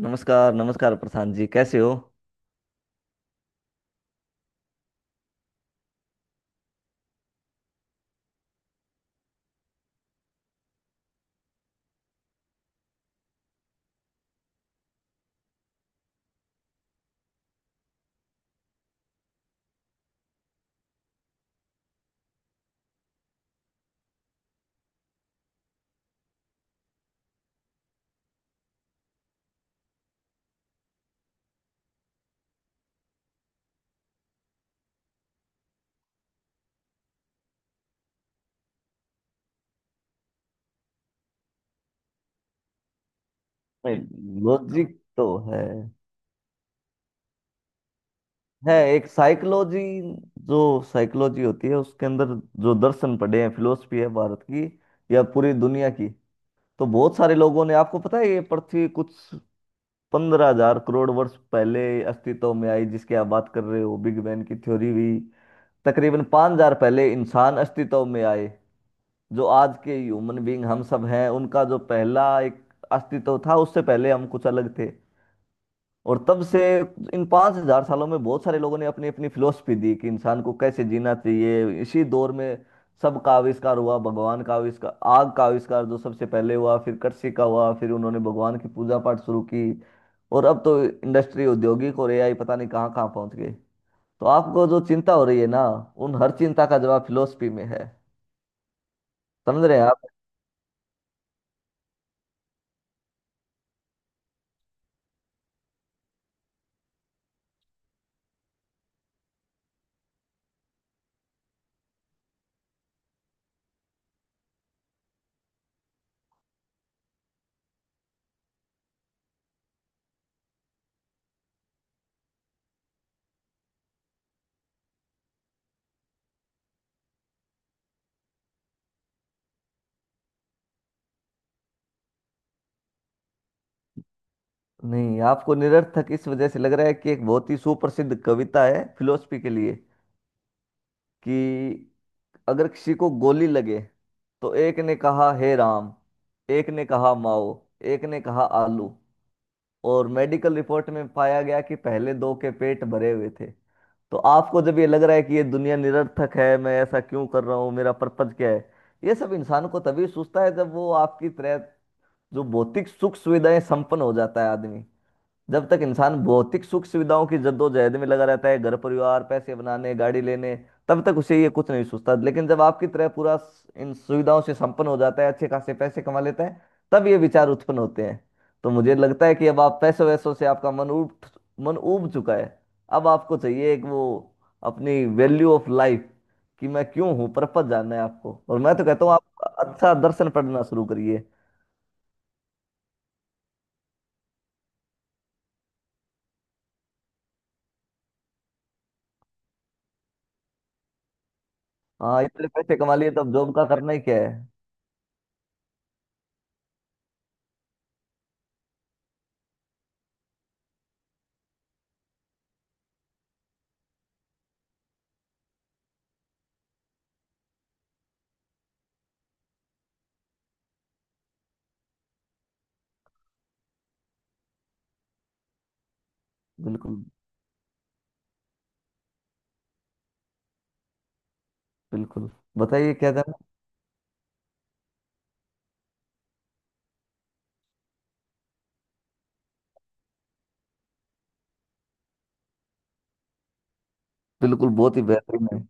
नमस्कार नमस्कार प्रशांत जी कैसे हो। लॉजिक तो है है। एक साइकोलॉजी जो साइकोलॉजी होती है, उसके अंदर जो दर्शन पड़े हैं, फिलोसफी है भारत की या पूरी दुनिया की। तो बहुत सारे लोगों ने, आपको पता है, ये पृथ्वी कुछ 15,000 करोड़ वर्ष पहले अस्तित्व में आई, जिसकी आप बात कर रहे हो, बिग बैंग की थ्योरी हुई। तकरीबन 5,000 पहले इंसान अस्तित्व में आए, जो आज के ह्यूमन बीइंग हम सब हैं। उनका जो पहला एक अस्तित्व था, उससे पहले हम कुछ अलग थे। और तब से इन 5,000 सालों में बहुत सारे लोगों ने अपनी अपनी फिलोसफी दी कि इंसान को कैसे जीना चाहिए। इसी दौर में सब का आविष्कार हुआ, भगवान का आविष्कार, आग का आविष्कार जो सबसे पहले हुआ, फिर कृषि का हुआ, फिर उन्होंने भगवान की पूजा पाठ शुरू की। और अब तो इंडस्ट्री, औद्योगिक और एआई, पता नहीं कहाँ कहाँ पहुंच गए। तो आपको जो चिंता हो रही है ना, उन हर चिंता का जवाब फिलोसफी में है। समझ रहे हैं आप। नहीं, आपको निरर्थक इस वजह से लग रहा है कि एक बहुत ही सुप्रसिद्ध कविता है फिलोसफी के लिए कि अगर किसी को गोली लगे, तो एक ने कहा हे राम, एक ने कहा माओ, एक ने कहा आलू, और मेडिकल रिपोर्ट में पाया गया कि पहले दो के पेट भरे हुए थे। तो आपको जब ये लग रहा है कि ये दुनिया निरर्थक है, मैं ऐसा क्यों कर रहा हूँ, मेरा पर्पज क्या है, ये सब इंसान को तभी सूझता है जब वो आपकी तरह जो भौतिक सुख सुविधाएं संपन्न हो जाता है आदमी। जब तक इंसान भौतिक सुख सुविधाओं की जद्दोजहद में लगा रहता है, घर परिवार, पैसे बनाने, गाड़ी लेने, तब तक उसे ये कुछ नहीं सोचता। लेकिन जब आपकी तरह इन सुविधाओं से संपन्न हो जाता है, अच्छे खासे पैसे कमा लेता है, तब ये विचार उत्पन्न होते हैं। तो मुझे लगता है कि अब आप पैसों वैसों से आपका मन ऊब चुका है। अब आपको चाहिए एक वो, अपनी वैल्यू ऑफ लाइफ कि मैं क्यों हूँ। पर्पज जानना है आपको, और मैं तो कहता हूँ, आप अच्छा दर्शन पढ़ना शुरू करिए। हाँ, इतने पैसे कमा लिए तो अब जॉब का करना ही क्या है। बिल्कुल, बिल्कुल, बताइए क्या था। बिल्कुल, बहुत ही बेहतरीन है।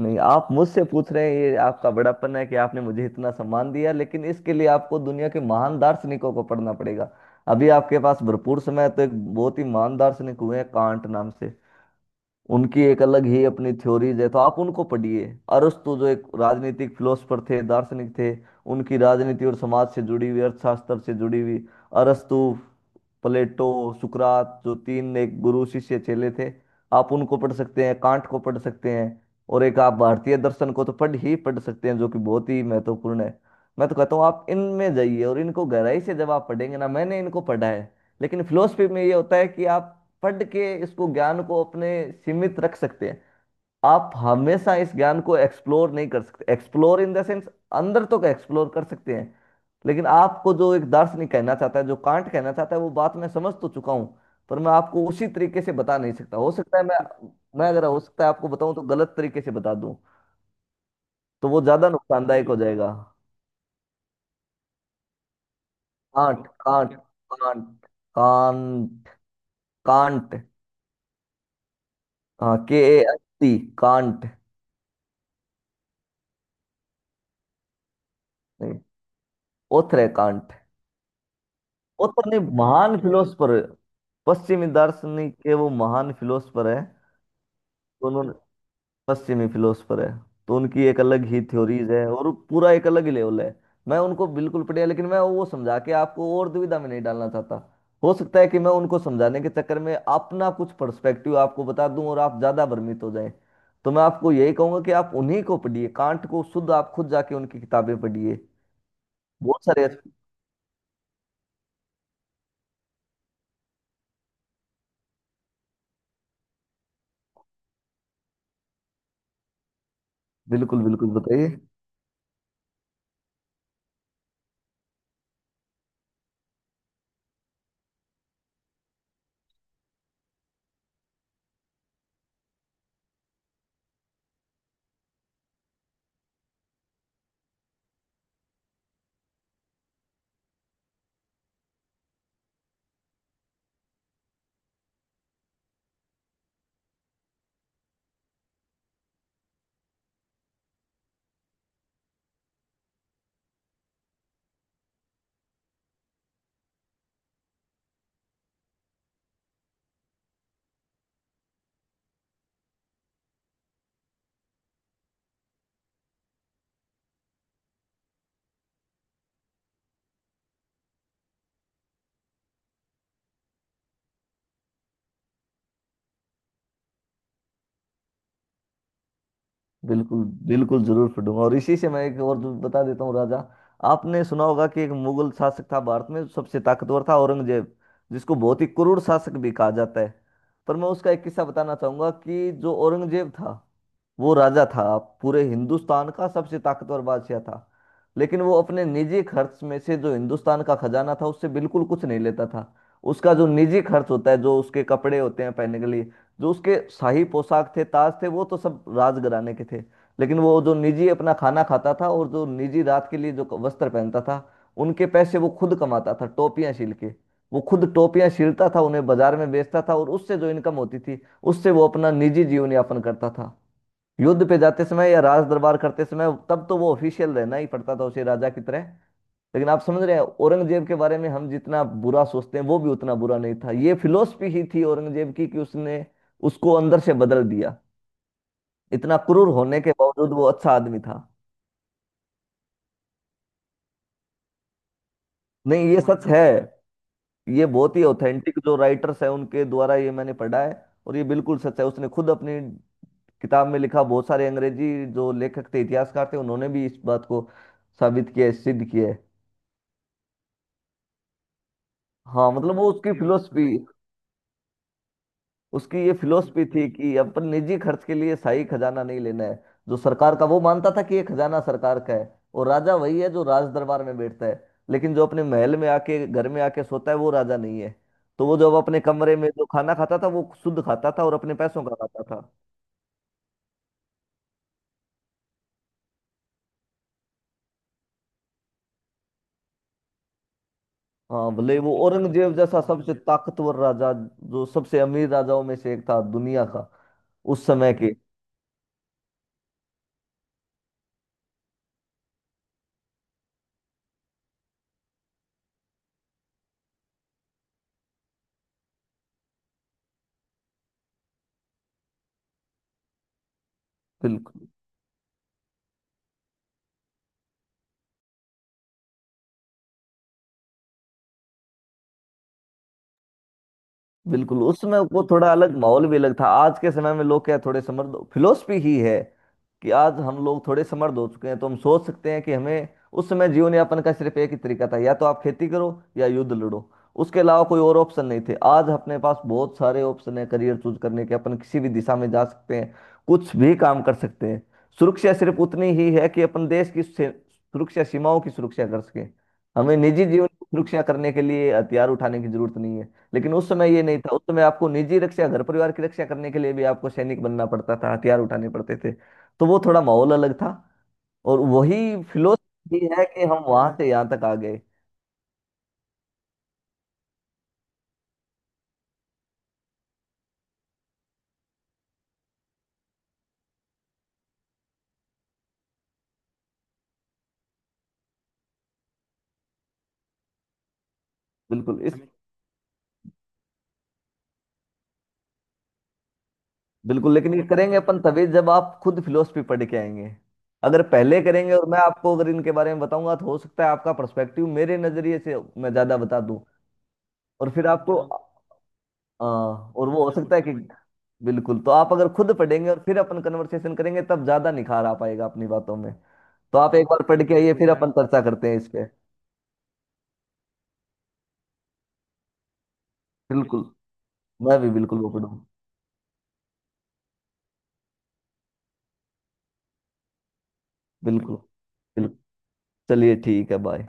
नहीं, आप मुझसे पूछ रहे हैं, ये आपका बड़ापन है कि आपने मुझे इतना सम्मान दिया दार्शनिकों, लेकिन इसके लिए आपको दुनिया के महान दार्शनिकों को पढ़ना पड़ेगा। अभी आपके पास भरपूर समय है। तो एक बहुत ही महान दार्शनिक हुए हैं कांट नाम से। उनकी एक अलग ही अपनी थ्योरीज है, तो आप उनको पढ़िए। अरस्तु, जो एक राजनीतिक फिलोसफर थे, दार्शनिक थे, उनकी राजनीति और समाज से जुड़ी हुई, अर्थशास्त्र से जुड़ी हुई। अरस्तु, प्लेटो, सुकरात, जो तीन एक गुरु शिष्य चेले थे, आप उनको पढ़ सकते हैं। कांट को पढ़ सकते हैं। और एक आप भारतीय दर्शन को तो पढ़ ही पढ़ सकते हैं, जो कि बहुत ही महत्वपूर्ण है। मैं तो कहता हूँ आप इनमें जाइए, और इनको गहराई से जब आप पढ़ेंगे ना, मैंने इनको पढ़ा है। लेकिन फिलोसफी में ये होता है कि आप पढ़ के इसको, ज्ञान को अपने सीमित रख सकते हैं। आप हमेशा इस ज्ञान को एक्सप्लोर नहीं कर सकते। एक्सप्लोर इन द सेंस, अंदर तो एक्सप्लोर कर सकते हैं। लेकिन आपको जो एक दार्शनिक कहना चाहता है, जो कांट कहना चाहता है, वो बात मैं समझ तो चुका हूँ, पर मैं आपको उसी तरीके से बता नहीं सकता। हो सकता है मैं अगर, हो सकता है आपको बताऊं तो गलत तरीके से बता दूं, तो वो ज्यादा नुकसानदायक हो जाएगा। Can't, can't, can't, can't, can't. हाँ, KANT, कांट। नहीं, ओथर है कांट। ओथर नहीं, महान फिलोसफर। पश्चिमी दार्शनिक के, वो महान फिलोसफर है। तो उन्होंने, पश्चिमी फिलोसफर है, तो उनकी एक अलग ही थ्योरीज है, और पूरा एक अलग ही लेवल है। मैं उनको बिल्कुल पढ़िया, लेकिन मैं वो समझा के आपको और दुविधा में नहीं डालना चाहता। हो सकता है कि मैं उनको समझाने के चक्कर में अपना कुछ पर्सपेक्टिव आपको बता दूं, और आप ज्यादा भ्रमित हो जाएं। तो मैं आपको यही कहूंगा कि आप उन्हीं को पढ़िए, कांट को शुद्ध आप खुद जाके उनकी किताबें पढ़िए। बहुत सारे अच्छे- बिल्कुल, बिल्कुल, बताइए। बिल्कुल, बिल्कुल, जरूर पढ़ूंगा। और इसी से मैं एक और जो बता देता हूँ राजा। आपने सुना होगा कि एक मुगल शासक था भारत में, सबसे ताकतवर था औरंगजेब, जिसको बहुत ही क्रूर शासक भी कहा जाता है। पर मैं उसका एक किस्सा बताना चाहूंगा कि जो औरंगजेब था, वो राजा था पूरे हिंदुस्तान का, सबसे ताकतवर बादशाह था। लेकिन वो अपने निजी खर्च में से, जो हिंदुस्तान का खजाना था, उससे बिल्कुल कुछ नहीं लेता था। उसका जो निजी खर्च होता है, जो उसके कपड़े होते हैं पहनने के लिए, जो उसके शाही पोशाक थे, ताज थे, वो तो सब राजघराने के थे। लेकिन वो जो निजी अपना खाना खाता था, और जो निजी रात के लिए जो वस्त्र पहनता था, उनके पैसे वो खुद कमाता था, टोपियां सिल के। वो खुद टोपियां सिलता था, उन्हें बाजार में बेचता था, और उससे जो इनकम होती थी, उससे वो अपना निजी जीवन यापन करता था। युद्ध पे जाते समय या राज दरबार करते समय, तब तो वो ऑफिशियल रहना ही पड़ता था उसे, राजा की तरह। लेकिन आप समझ रहे हैं, औरंगजेब के बारे में हम जितना बुरा सोचते हैं, वो भी उतना बुरा नहीं था। ये फिलोसफी ही थी औरंगजेब की कि उसने, उसको अंदर से बदल दिया। इतना क्रूर होने के बावजूद वो अच्छा आदमी था। नहीं, ये सच है। ये बहुत ही ऑथेंटिक जो राइटर्स हैं, उनके द्वारा ये मैंने पढ़ा है। और ये बिल्कुल सच है, उसने खुद अपनी किताब में लिखा। बहुत सारे अंग्रेजी जो लेखक थे, इतिहासकार थे, उन्होंने भी इस बात को साबित किया है, सिद्ध किया है। हाँ, मतलब वो उसकी फिलोसफी, उसकी ये फिलोसफी थी कि अपन निजी खर्च के लिए शाही खजाना नहीं लेना है। जो सरकार का, वो मानता था कि ये खजाना सरकार का है, और राजा वही है जो राज दरबार में बैठता है। लेकिन जो अपने महल में आके, घर में आके सोता है, वो राजा नहीं है। तो वो जब अपने कमरे में जो खाना खाता था, वो शुद्ध खाता था और अपने पैसों का खाता था। हाँ, भले वो औरंगजेब जैसा सबसे ताकतवर राजा, जो सबसे अमीर राजाओं में से एक था दुनिया का, उस समय के। बिल्कुल। बिल्कुल, उस समय वो थोड़ा अलग माहौल भी, अलग था। आज के समय में लोग क्या है, थोड़े समर्थ, फिलोसफी ही है कि आज हम लोग थोड़े समर्थ हो चुके हैं, तो हम सोच सकते हैं कि हमें। उस समय जीवन यापन का सिर्फ एक ही तरीका था, या तो आप खेती करो या युद्ध लड़ो। उसके अलावा कोई और ऑप्शन नहीं थे। आज अपने पास बहुत सारे ऑप्शन है, करियर चूज करने के। अपन किसी भी दिशा में जा सकते हैं, कुछ भी काम कर सकते हैं। सुरक्षा सिर्फ उतनी ही है कि अपन सुरक्षा, सीमाओं की सुरक्षा कर सके। हमें निजी जीवन की सुरक्षा करने के लिए हथियार उठाने की जरूरत नहीं है। लेकिन उस समय ये नहीं था। उस समय आपको निजी रक्षा, घर परिवार की रक्षा करने के लिए भी आपको सैनिक बनना पड़ता था, हथियार उठाने पड़ते थे। तो वो थोड़ा माहौल अलग था। और वही फिलोसफी है कि हम वहां से यहाँ तक आ गए। बिल्कुल इस, बिल्कुल, लेकिन ये करेंगे अपन तभी जब आप खुद फिलोसफी पढ़ के आएंगे। अगर पहले करेंगे और मैं आपको अगर इनके बारे में बताऊंगा, तो हो सकता है आपका पर्सपेक्टिव मेरे नजरिए से मैं ज्यादा बता दूं। और फिर आपको, और वो, हो सकता है कि, बिल्कुल। तो आप अगर खुद पढ़ेंगे और फिर अपन कन्वर्सेशन करेंगे, तब ज्यादा निखार आ पाएगा अपनी बातों में। तो आप एक बार पढ़ के आइए, फिर बढ़िया अपन चर्चा करते हैं इस पे। बिल्कुल। मैं भी बिल्कुल वो पढ़ूंगा। बिल्कुल। बिल्कुल, चलिए ठीक है, बाय।